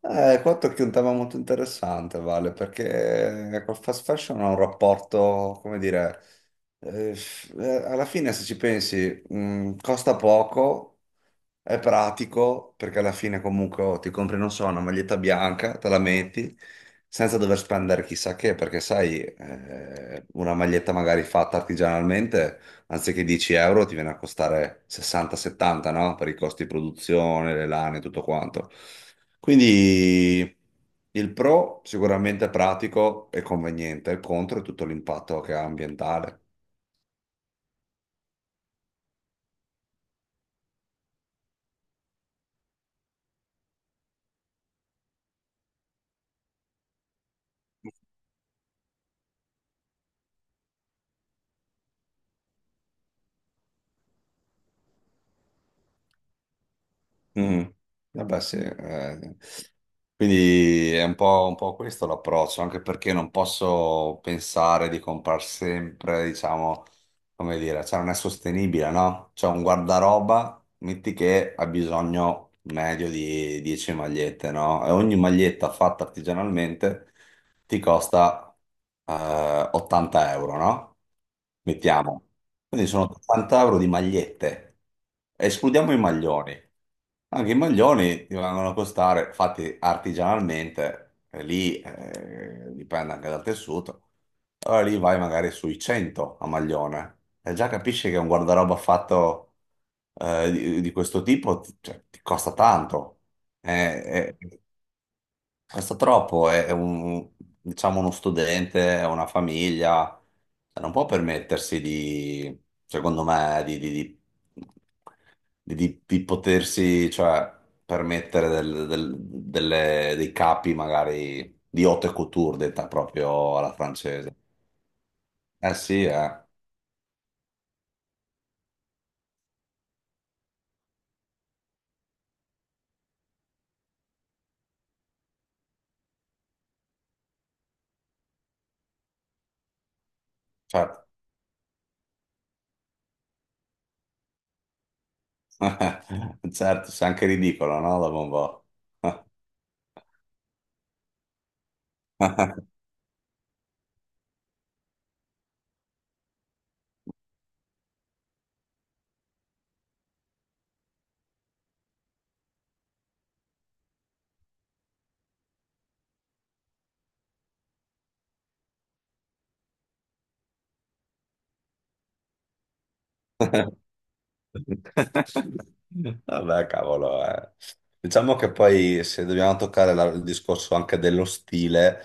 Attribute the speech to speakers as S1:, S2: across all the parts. S1: Qua tocchi un tema molto interessante, Vale, perché col fast fashion ho un rapporto, come dire, eh, alla fine se ci pensi, costa poco, è pratico perché alla fine comunque ti compri, non so, una maglietta bianca, te la metti senza dover spendere chissà che, perché sai, una maglietta magari fatta artigianalmente, anziché 10 euro ti viene a costare 60-70, no? Per i costi di produzione, le lane, tutto quanto. Quindi il pro sicuramente è pratico e conveniente, il contro è tutto l'impatto che ha ambientale. Mm. Vabbè, sì, eh. Quindi è un po' questo l'approccio, anche perché non posso pensare di comprare sempre, diciamo, come dire, cioè non è sostenibile, no? Cioè un guardaroba, metti che ha bisogno medio di 10 magliette, no? E ogni maglietta fatta artigianalmente ti costa 80 euro, no? Mettiamo. Quindi sono 80 euro di magliette. Escludiamo i maglioni. Anche i maglioni ti vengono a costare, fatti artigianalmente, e lì dipende anche dal tessuto. Allora lì vai magari sui 100 a maglione e già capisci che un guardaroba fatto di questo tipo cioè, ti costa tanto. Eh, eh, Costa troppo, è un, diciamo uno studente, è una famiglia, cioè, non può permettersi di, secondo me, di potersi, cioè, permettere dei capi magari di haute couture, detta proprio alla francese. Eh sì, certo, certo, sei anche ridicolo, no? Dopo un po'. Vabbè, cavolo, eh. Diciamo che poi se dobbiamo toccare il discorso anche dello stile,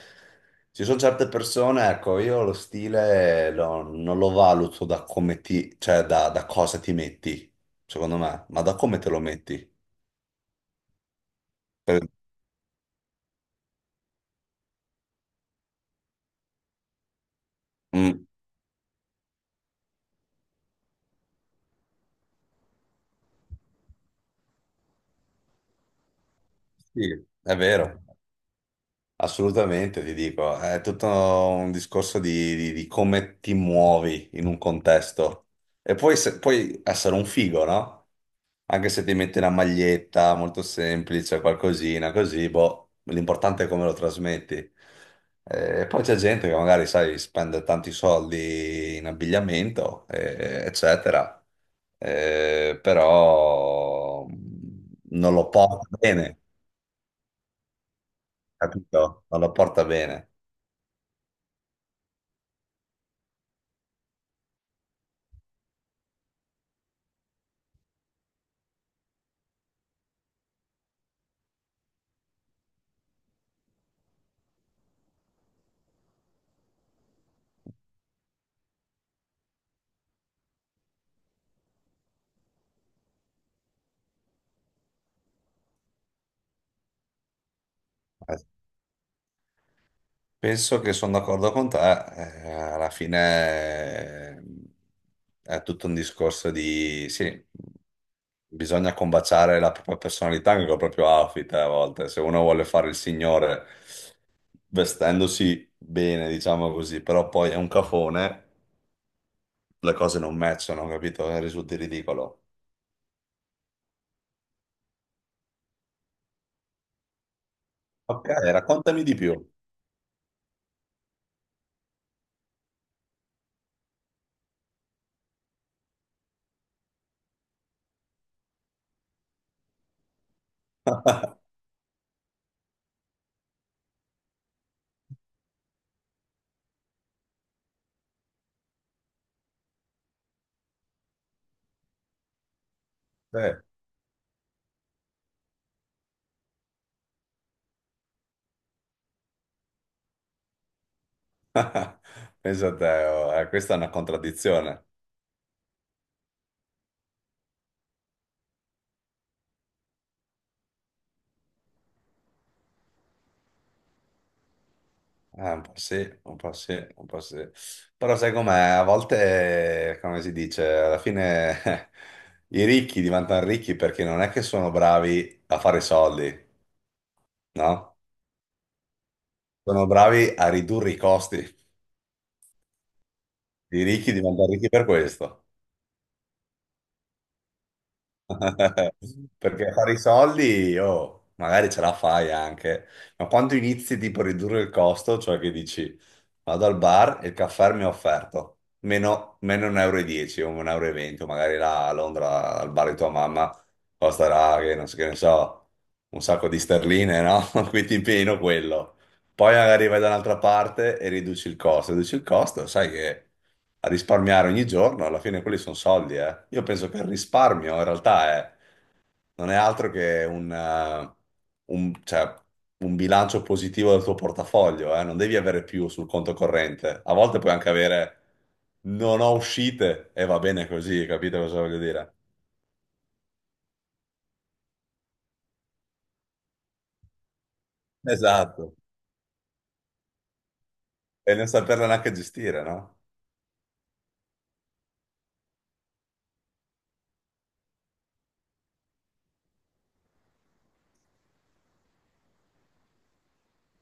S1: ci sono certe persone, ecco, io lo stile non lo valuto da come ti, cioè da cosa ti metti, secondo me, ma da come te lo metti. Per- mm, sì, è vero, assolutamente, ti dico, è tutto un discorso di, di come ti muovi in un contesto. E poi, puoi essere un figo, no? Anche se ti metti una maglietta molto semplice, qualcosina così, boh, l'importante è come lo trasmetti. E poi c'è gente che magari, sai, spende tanti soldi in abbigliamento, eccetera. Però non lo porta bene, capito? Non lo porta bene. Penso che sono d'accordo con te, alla fine è tutto un discorso di, sì, bisogna combaciare la propria personalità anche col proprio outfit a volte, se uno vuole fare il signore vestendosi bene, diciamo così, però poi è un cafone, le cose non matchano, capito? Risulti ridicolo. Ok, raccontami di più. Sì. Penso a te, questa è una contraddizione. Un po' sì, un po' sì, un po' sì. Però sai com'è? A volte, come si dice, alla fine i ricchi diventano ricchi perché non è che sono bravi a fare soldi, no? Sono bravi a ridurre i costi. I ricchi diventano ricchi per questo. Perché fare i soldi, magari ce la fai anche, ma quando inizi tipo a ridurre il costo, cioè che dici vado al bar e il caffè mi è offerto meno 1,10 euro e dieci o 1,20 euro, e venti, o magari là a Londra al bar di tua mamma costerà, che non so, che ne so, un sacco di sterline, no? Quindi ti impegno quello. Poi magari vai da un'altra parte e riduci il costo, sai che a risparmiare ogni giorno, alla fine quelli sono soldi, eh. Io penso che il risparmio in realtà non è altro che cioè, un bilancio positivo del tuo portafoglio, eh. Non devi avere più sul conto corrente. A volte puoi anche avere non ho uscite e va bene così, capito cosa voglio dire? Esatto. E non saperle neanche gestire, no?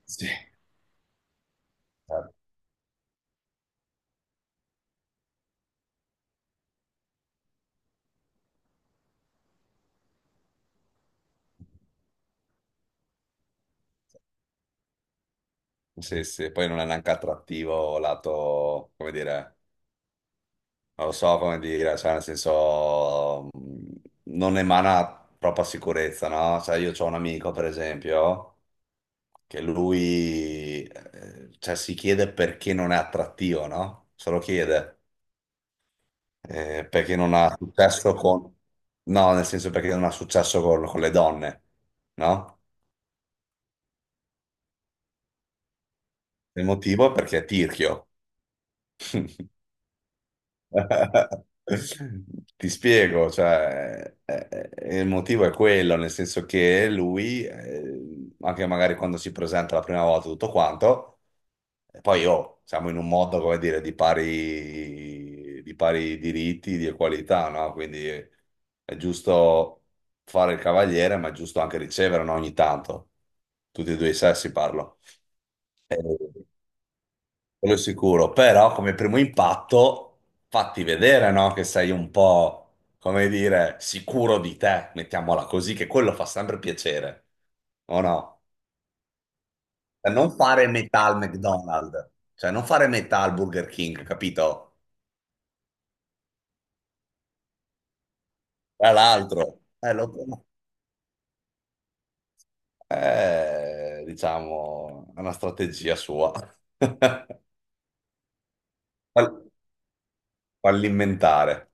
S1: Sì. Eh, Sì, sì, poi non è neanche attrattivo lato, come dire, non lo so come dire, cioè nel senso non emana troppa sicurezza, no? Cioè io ho un amico, per esempio, che lui cioè, si chiede perché non è attrattivo, no? Se lo chiede. Perché non ha successo con... No, nel senso perché non ha successo con le donne, no? Il motivo è perché è tirchio. Ti spiego, cioè, il motivo è quello, nel senso che lui, anche magari quando si presenta la prima volta tutto quanto, e poi siamo in un mondo, come dire, di pari diritti, di equalità, no? Quindi è giusto fare il cavaliere, ma è giusto anche ricevere, no? Ogni tanto, tutti e due i sessi parlo. Eh, quello sicuro, però come primo impatto fatti vedere, no? Che sei un po', come dire, sicuro di te, mettiamola così, che quello fa sempre piacere, o no? Cioè, non fare metà al McDonald's, cioè non fare metà al Burger King, capito? Tra l'altro, lo so. Diciamo, è una strategia sua. Fall- fallimentare.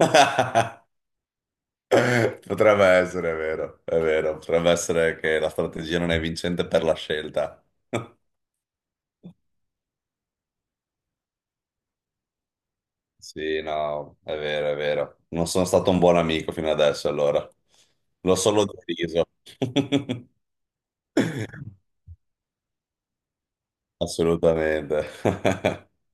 S1: Potrebbe essere, è vero, potrebbe essere che la strategia non è vincente per la scelta. Sì, no, è vero, è vero. Non sono stato un buon amico fino adesso, allora. L'ho solo deriso. Assolutamente.